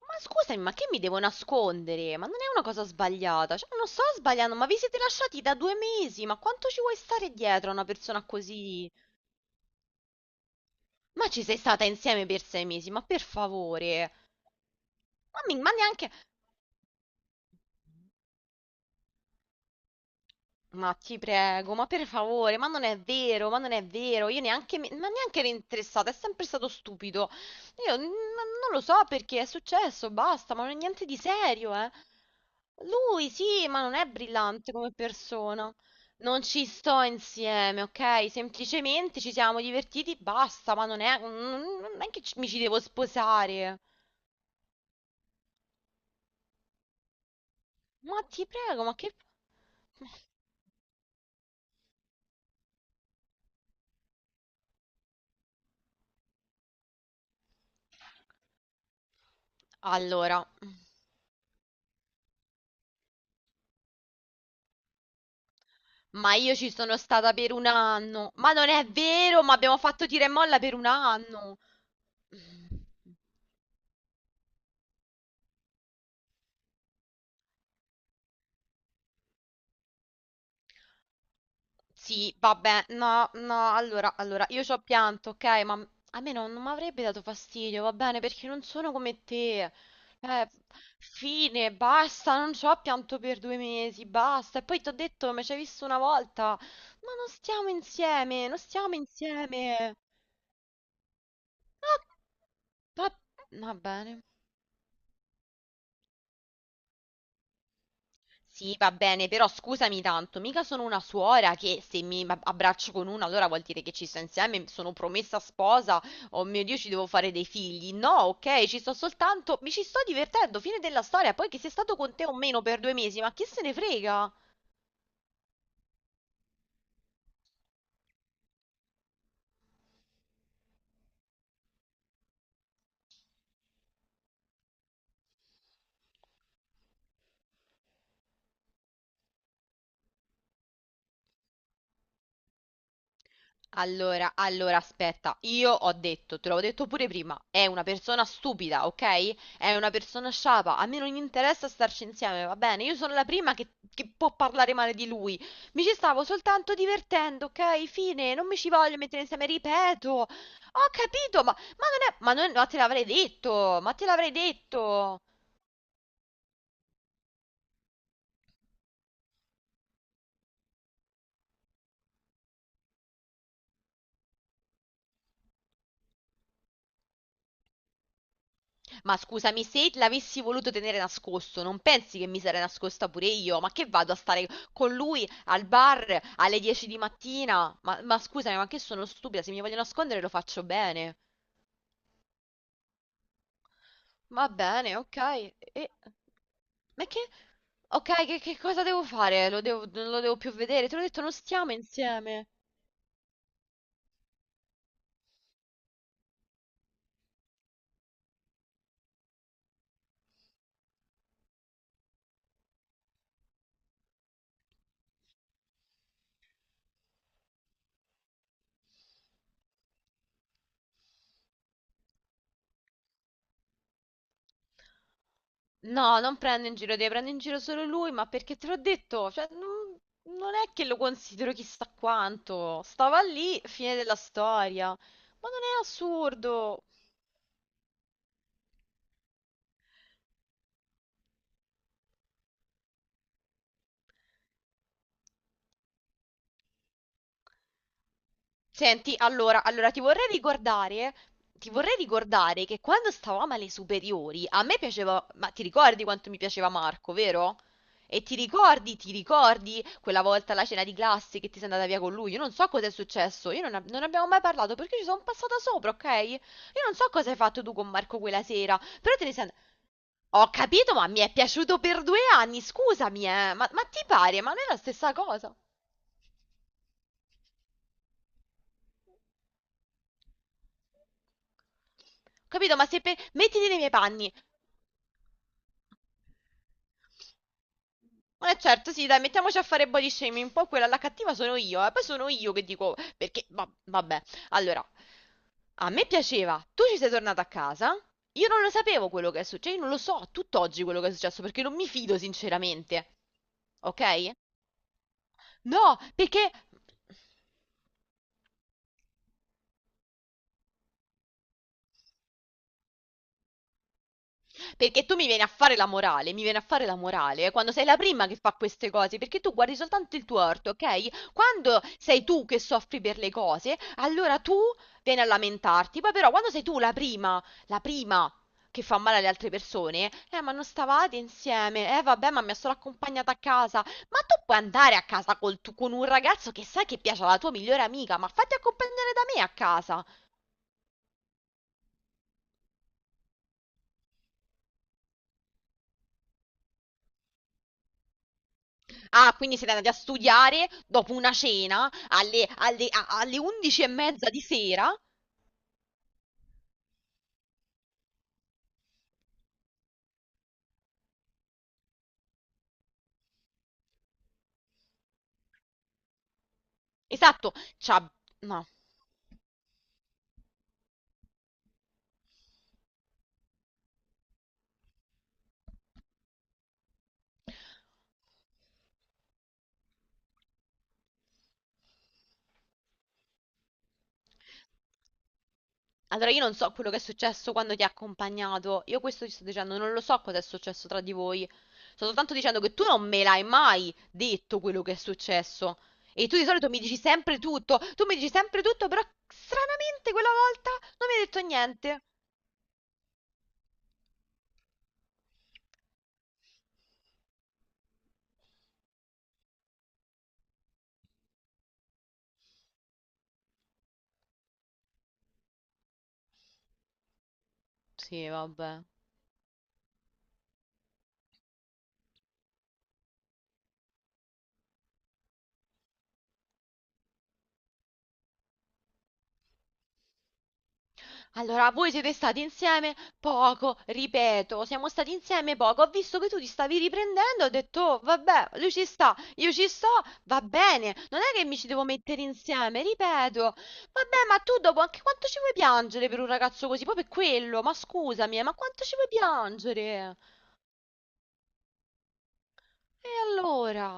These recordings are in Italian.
Ma scusami, ma che mi devo nascondere? Ma non è una cosa sbagliata. Cioè, non sto sbagliando, ma vi siete lasciati da 2 mesi. Ma quanto ci vuoi stare dietro a una persona così? Ma ci sei stata insieme per 6 mesi, ma per favore. Ma neanche. Ma ti prego, ma per favore, ma non è vero, ma non è vero, io neanche, ma neanche ero interessata, è sempre stato stupido. Io non lo so perché è successo, basta, ma non è niente di serio, eh. Lui sì, ma non è brillante come persona. Non ci sto insieme, ok? Semplicemente ci siamo divertiti, basta, ma non è, non è che mi ci devo sposare. Ma ti prego, ma che... Allora... Ma io ci sono stata per un anno. Ma non è vero, ma abbiamo fatto tira e molla per un anno. Sì, vabbè, no, no, allora, allora, io ci ho pianto, ok, ma a me non mi avrebbe dato fastidio, va bene, perché non sono come te. Eh, fine, basta, non ci ho pianto per 2 mesi, basta. E poi ti ho detto, mi ci hai visto una volta, ma non stiamo insieme, non stiamo insieme. Ah, va va bene. Sì, va bene, però scusami tanto, mica sono una suora che se mi abbraccio con una allora vuol dire che ci sto insieme, sono promessa sposa, oh mio Dio, ci devo fare dei figli. No, ok, ci sto soltanto, mi ci sto divertendo, fine della storia, poi che sia stato con te o meno per 2 mesi, ma chi se ne frega? Allora, allora, aspetta, io ho detto, te l'ho detto pure prima, è una persona stupida, ok? È una persona sciapa, a me non interessa starci insieme, va bene? Io sono la prima che, può parlare male di lui. Mi ci stavo soltanto divertendo, ok? Fine, non mi ci voglio mettere insieme, ripeto. Ho capito, ma non è... Ma non, ma te l'avrei detto, ma te l'avrei detto. Ma scusami, se l'avessi voluto tenere nascosto, non pensi che mi sarei nascosta pure io? Ma che vado a stare con lui al bar alle 10 di mattina? Ma scusami, ma che sono stupida, se mi voglio nascondere lo faccio bene. Va bene, ok. E... Ma che... Ok, che cosa devo fare? Lo devo, non lo devo più vedere? Te l'ho detto, non stiamo insieme. No, non prendo in giro te, prendo in giro solo lui, ma perché te l'ho detto, cioè, non è che lo considero chissà quanto. Stava lì, fine della storia. Ma non è assurdo. Senti, allora, allora ti vorrei ricordare che quando stavamo alle superiori, a me piaceva, ma ti ricordi quanto mi piaceva Marco, vero? E ti ricordi quella volta alla cena di classe che ti sei andata via con lui? Io non so cosa è successo, io non, non abbiamo mai parlato perché ci sono passata sopra, ok? Io non so cosa hai fatto tu con Marco quella sera, però te ne sei and- Ho capito, ma mi è piaciuto per 2 anni, scusami, ma ti pare, ma non è la stessa cosa? Capito? Ma se per... Mettiti nei miei panni. Eh certo, sì, dai, mettiamoci a fare body shaming. Poi quella la cattiva sono io, eh. Poi sono io che dico perché vabbè. Allora, a me piaceva. Tu ci sei tornata a casa? Io non lo sapevo quello che è successo, io non lo so tutt'oggi quello che è successo perché non mi fido sinceramente. Ok? No, perché perché tu mi vieni a fare la morale, mi vieni a fare la morale quando sei la prima che fa queste cose, perché tu guardi soltanto il tuo orto, ok? Quando sei tu che soffri per le cose, allora tu vieni a lamentarti, poi però quando sei tu la prima che fa male alle altre persone, ma non stavate insieme, eh vabbè ma mi ha solo accompagnata a casa, ma tu puoi andare a casa col con un ragazzo che sai che piace alla tua migliore amica, ma fatti accompagnare da me a casa. Ah, quindi siete andati a studiare dopo una cena alle 11 e mezza di sera? Esatto, c'ha- no. Allora io non so quello che è successo quando ti ha accompagnato. Io questo ti sto dicendo, non lo so cosa è successo tra di voi. Sto soltanto dicendo che tu non me l'hai mai detto quello che è successo. E tu di solito mi dici sempre tutto. Tu mi dici sempre tutto, però stranamente quella volta non mi hai detto niente. Sì, vabbè. Allora, voi siete stati insieme poco, ripeto, siamo stati insieme poco. Ho visto che tu ti stavi riprendendo, ho detto, "Oh, vabbè, lui ci sta, io ci sto, va bene. Non è che mi ci devo mettere insieme, ripeto. Vabbè, ma tu dopo anche quanto ci vuoi piangere per un ragazzo così? Poi per quello, ma scusami, ma quanto ci vuoi piangere? E allora?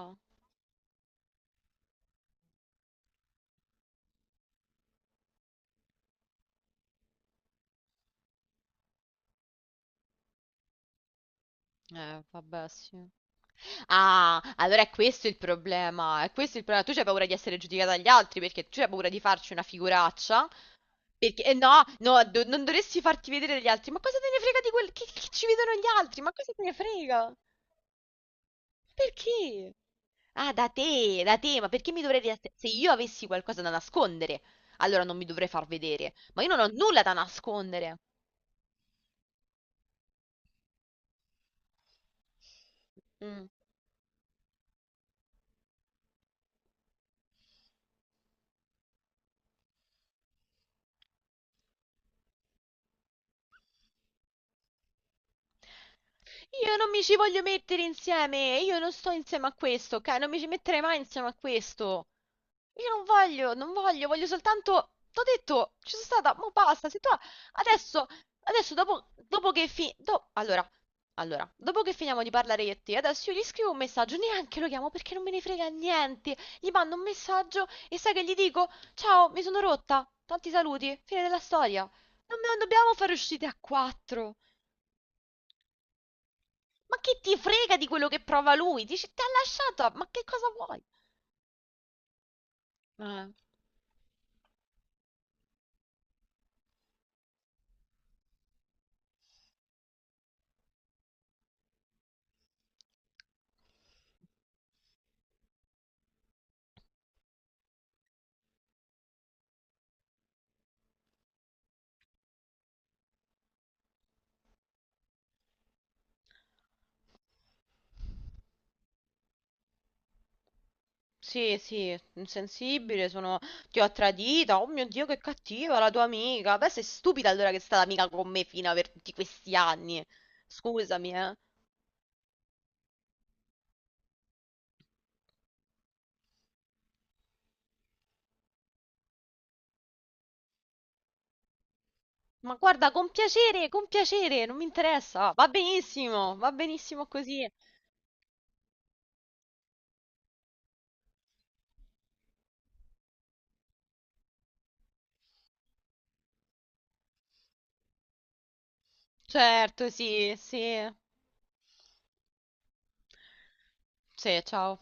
Vabbè, sì. Ah, allora è questo il problema. È questo il problema. Tu c'hai paura di essere giudicata dagli altri perché tu c'hai paura di farci una figuraccia. Perché eh no, no, non dovresti farti vedere dagli altri. Ma cosa te ne frega di quel che, ci vedono gli altri? Ma cosa te ne frega? Perché? Ah, da te, ma perché mi dovrei... Se io avessi qualcosa da nascondere, allora non mi dovrei far vedere. Ma io non ho nulla da nascondere. Mm. Io non mi ci voglio mettere insieme, io non sto insieme a questo, ok? Non mi ci metterei mai insieme a questo. Io non voglio, non voglio, voglio soltanto... T'ho detto, ci sono stata, mo basta, se tu... Adesso, adesso dopo, dopo che allora, dopo che finiamo di parlare io e te, adesso io gli scrivo un messaggio, neanche lo chiamo perché non me ne frega niente. Gli mando un messaggio e sai che gli dico? Ciao, mi sono rotta, tanti saluti, fine della storia. Non dobbiamo fare uscite a quattro. Ma che ti frega di quello che prova lui? Dici, ti ha lasciato, ma che cosa vuoi? Eh. Sì, sì, insensibile, sono... ti ho tradita, oh mio Dio, che cattiva la tua amica. Beh, sei stupida allora che è stata amica con me fino a per tutti questi anni. Scusami, eh. Ma guarda, con piacere, non mi interessa. Va benissimo così. Certo, sì, sì. Sì, ciao.